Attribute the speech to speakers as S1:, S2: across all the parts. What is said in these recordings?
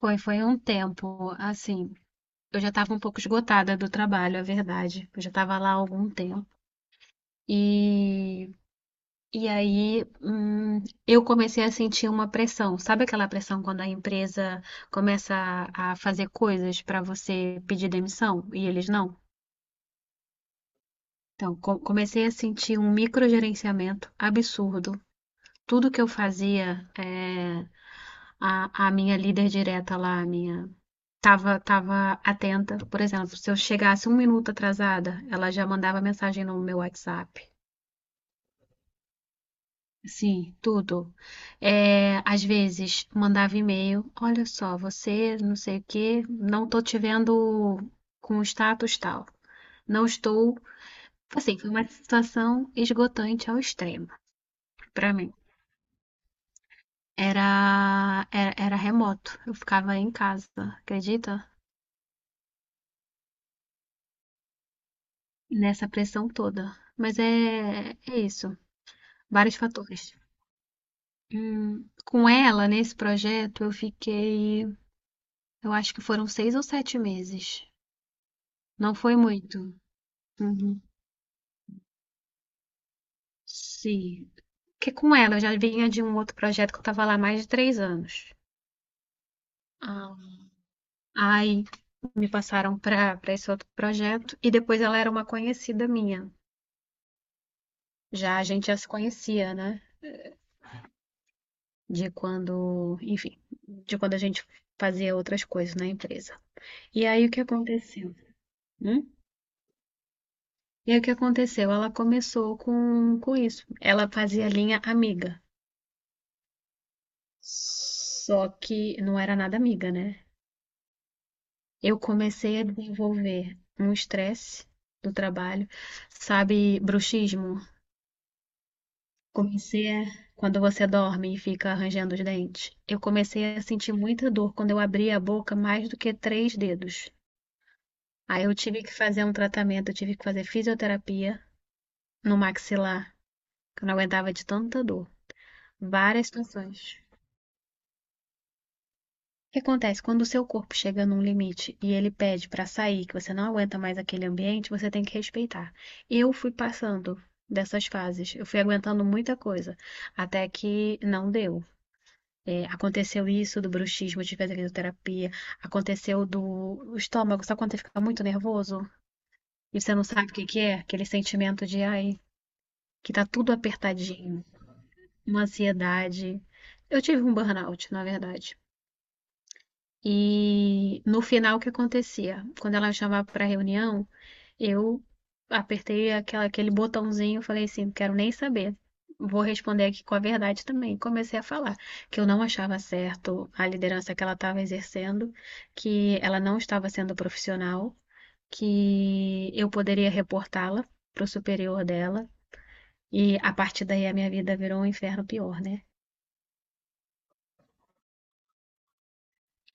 S1: Foi um tempo, assim, eu já estava um pouco esgotada do trabalho, é verdade. Eu já estava lá há algum tempo. E, e aí, eu comecei a sentir uma pressão. Sabe aquela pressão quando a empresa começa a fazer coisas para você pedir demissão e eles não? Então, comecei a sentir um microgerenciamento absurdo. Tudo que eu fazia, a minha líder direta lá, a minha tava atenta. Por exemplo, se eu chegasse 1 minuto atrasada, ela já mandava mensagem no meu WhatsApp. Sim, tudo. É, às vezes mandava e-mail. Olha só, você não sei o quê, não estou te vendo com o status tal. Não estou. Assim, foi uma situação esgotante ao extremo para mim. Era remoto. Eu ficava em casa, acredita? Nessa pressão toda. Mas é isso. Vários fatores. Com ela, nesse projeto, eu fiquei, eu acho que foram 6 ou 7 meses. Não foi muito. Uhum. Sim. Porque com ela, eu já vinha de um outro projeto que eu estava lá há mais de 3 anos. Ah, aí me passaram para esse outro projeto e depois ela era uma conhecida minha. Já a gente já se conhecia, né? De quando, enfim, de quando a gente fazia outras coisas na empresa. E aí o que aconteceu? Hum? E aí o que aconteceu? Ela começou com isso. Ela fazia linha amiga. Só que não era nada amiga, né? Eu comecei a desenvolver um estresse do trabalho, sabe, bruxismo. Comecei a, quando você dorme e fica arranjando os dentes. Eu comecei a sentir muita dor quando eu abria a boca mais do que três dedos. Aí eu tive que fazer um tratamento, eu tive que fazer fisioterapia no maxilar, que eu não aguentava de tanta dor. Várias situações. O que acontece? Quando o seu corpo chega num limite e ele pede para sair, que você não aguenta mais aquele ambiente, você tem que respeitar. Eu fui passando dessas fases, eu fui aguentando muita coisa, até que não deu. É, aconteceu isso do bruxismo, de fazer fisioterapia, aconteceu do estômago, só quando você fica muito nervoso e você não sabe o que que é? Aquele sentimento de, ai, que tá tudo apertadinho, uma ansiedade. Eu tive um burnout, na verdade. E no final, o que acontecia? Quando ela me chamava para reunião, eu apertei aquela, aquele botãozinho e falei assim: não quero nem saber. Vou responder aqui com a verdade também. Comecei a falar que eu não achava certo a liderança que ela estava exercendo, que ela não estava sendo profissional, que eu poderia reportá-la para o superior dela. E a partir daí a minha vida virou um inferno pior, né?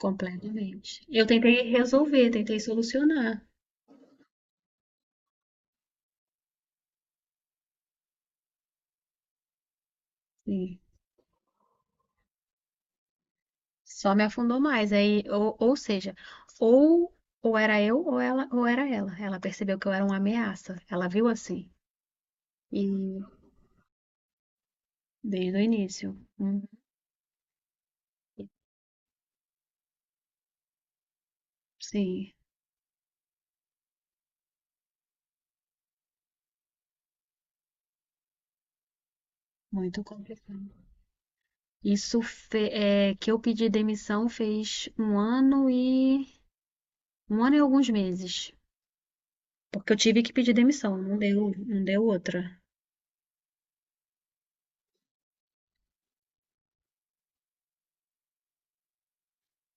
S1: Completamente. Eu tentei resolver, tentei solucionar. E só me afundou mais. Aí, ou seja, ou, ou era eu ou ela, ou era ela. Ela percebeu que eu era uma ameaça. Ela viu assim. E desde o início. Sim, muito complicado. Isso que eu pedi demissão fez um ano e alguns meses. Porque eu tive que pedir demissão, não deu, não deu outra.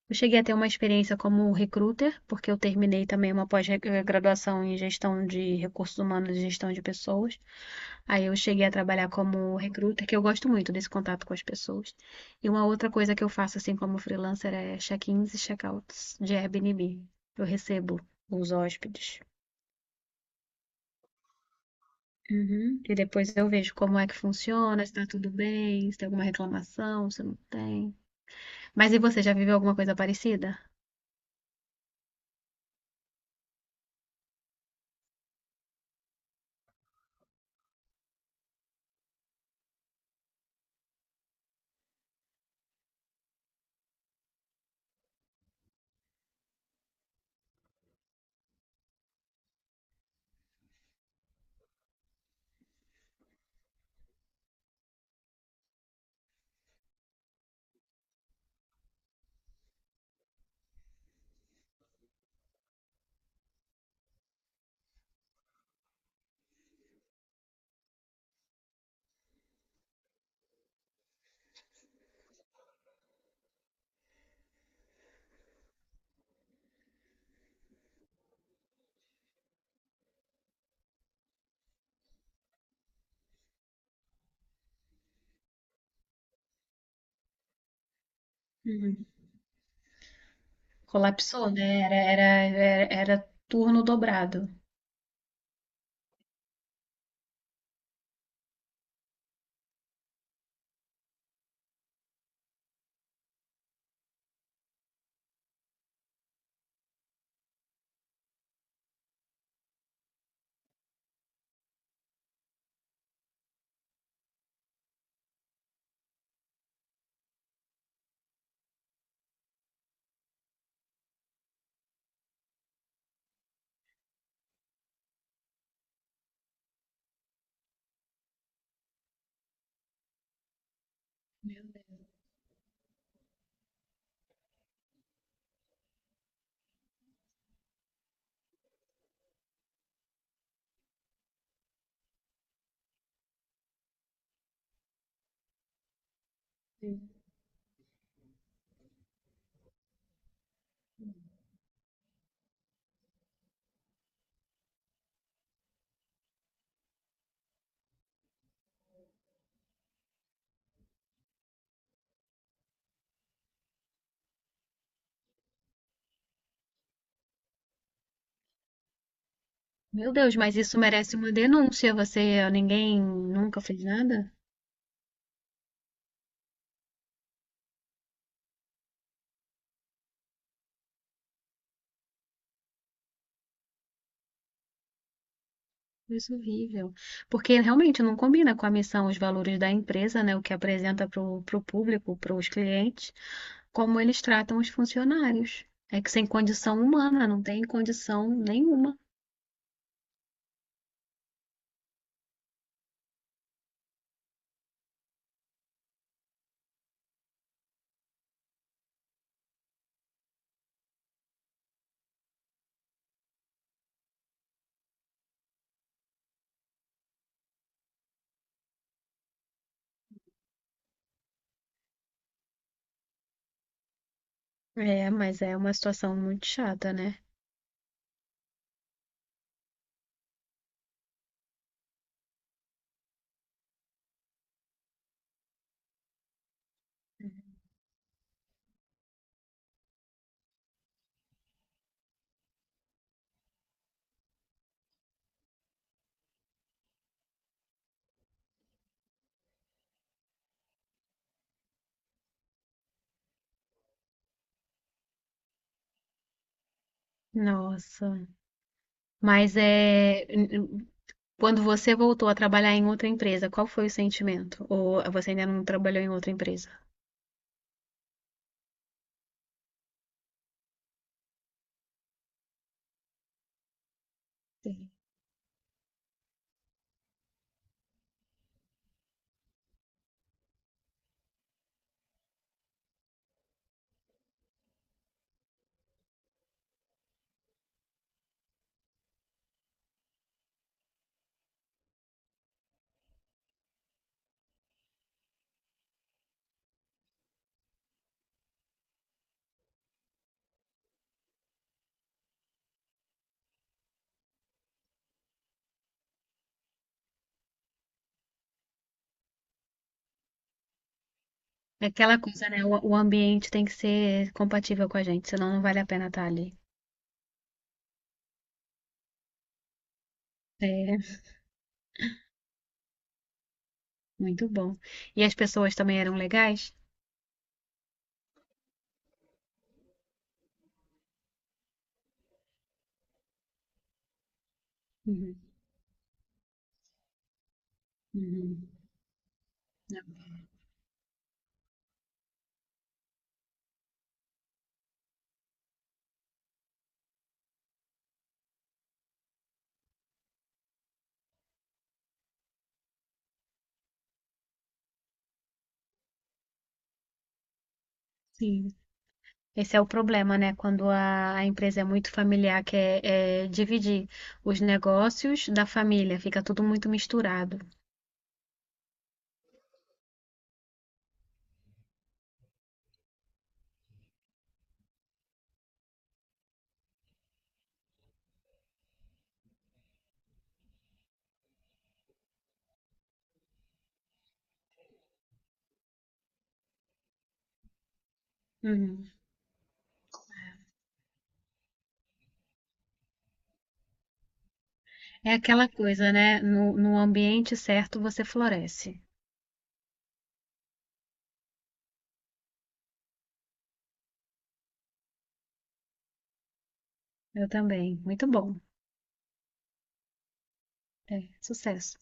S1: Eu cheguei a ter uma experiência como recruiter, porque eu terminei também uma pós-graduação em gestão de recursos humanos e gestão de pessoas. Aí eu cheguei a trabalhar como recruta, que eu gosto muito desse contato com as pessoas. E uma outra coisa que eu faço, assim como freelancer, é check-ins e check-outs de Airbnb. Eu recebo os hóspedes. Uhum. E depois eu vejo como é que funciona, se tá tudo bem, se tem alguma reclamação, se não tem. Mas e você, já viveu alguma coisa parecida? Uhum. Colapsou, né? Era turno dobrado. Sim. Meu Deus, mas isso merece uma denúncia. Você, ninguém nunca fez nada? Isso é horrível. Porque realmente não combina com a missão, os valores da empresa, né? O que apresenta para o público, para os clientes, como eles tratam os funcionários. É que sem condição humana, não tem condição nenhuma. É, mas é uma situação muito chata, né? Nossa. Mas é. Quando você voltou a trabalhar em outra empresa, qual foi o sentimento? Ou você ainda não trabalhou em outra empresa? Sim. É aquela coisa, né? O ambiente tem que ser compatível com a gente, senão não vale a pena estar ali. É, muito bom. E as pessoas também eram legais? Uhum, uhum. Não, sim. Esse é o problema, né? Quando a empresa é muito familiar, que é dividir os negócios da família, fica tudo muito misturado. Uhum. É aquela coisa, né? No ambiente certo você floresce. Eu também. Muito bom. É, sucesso.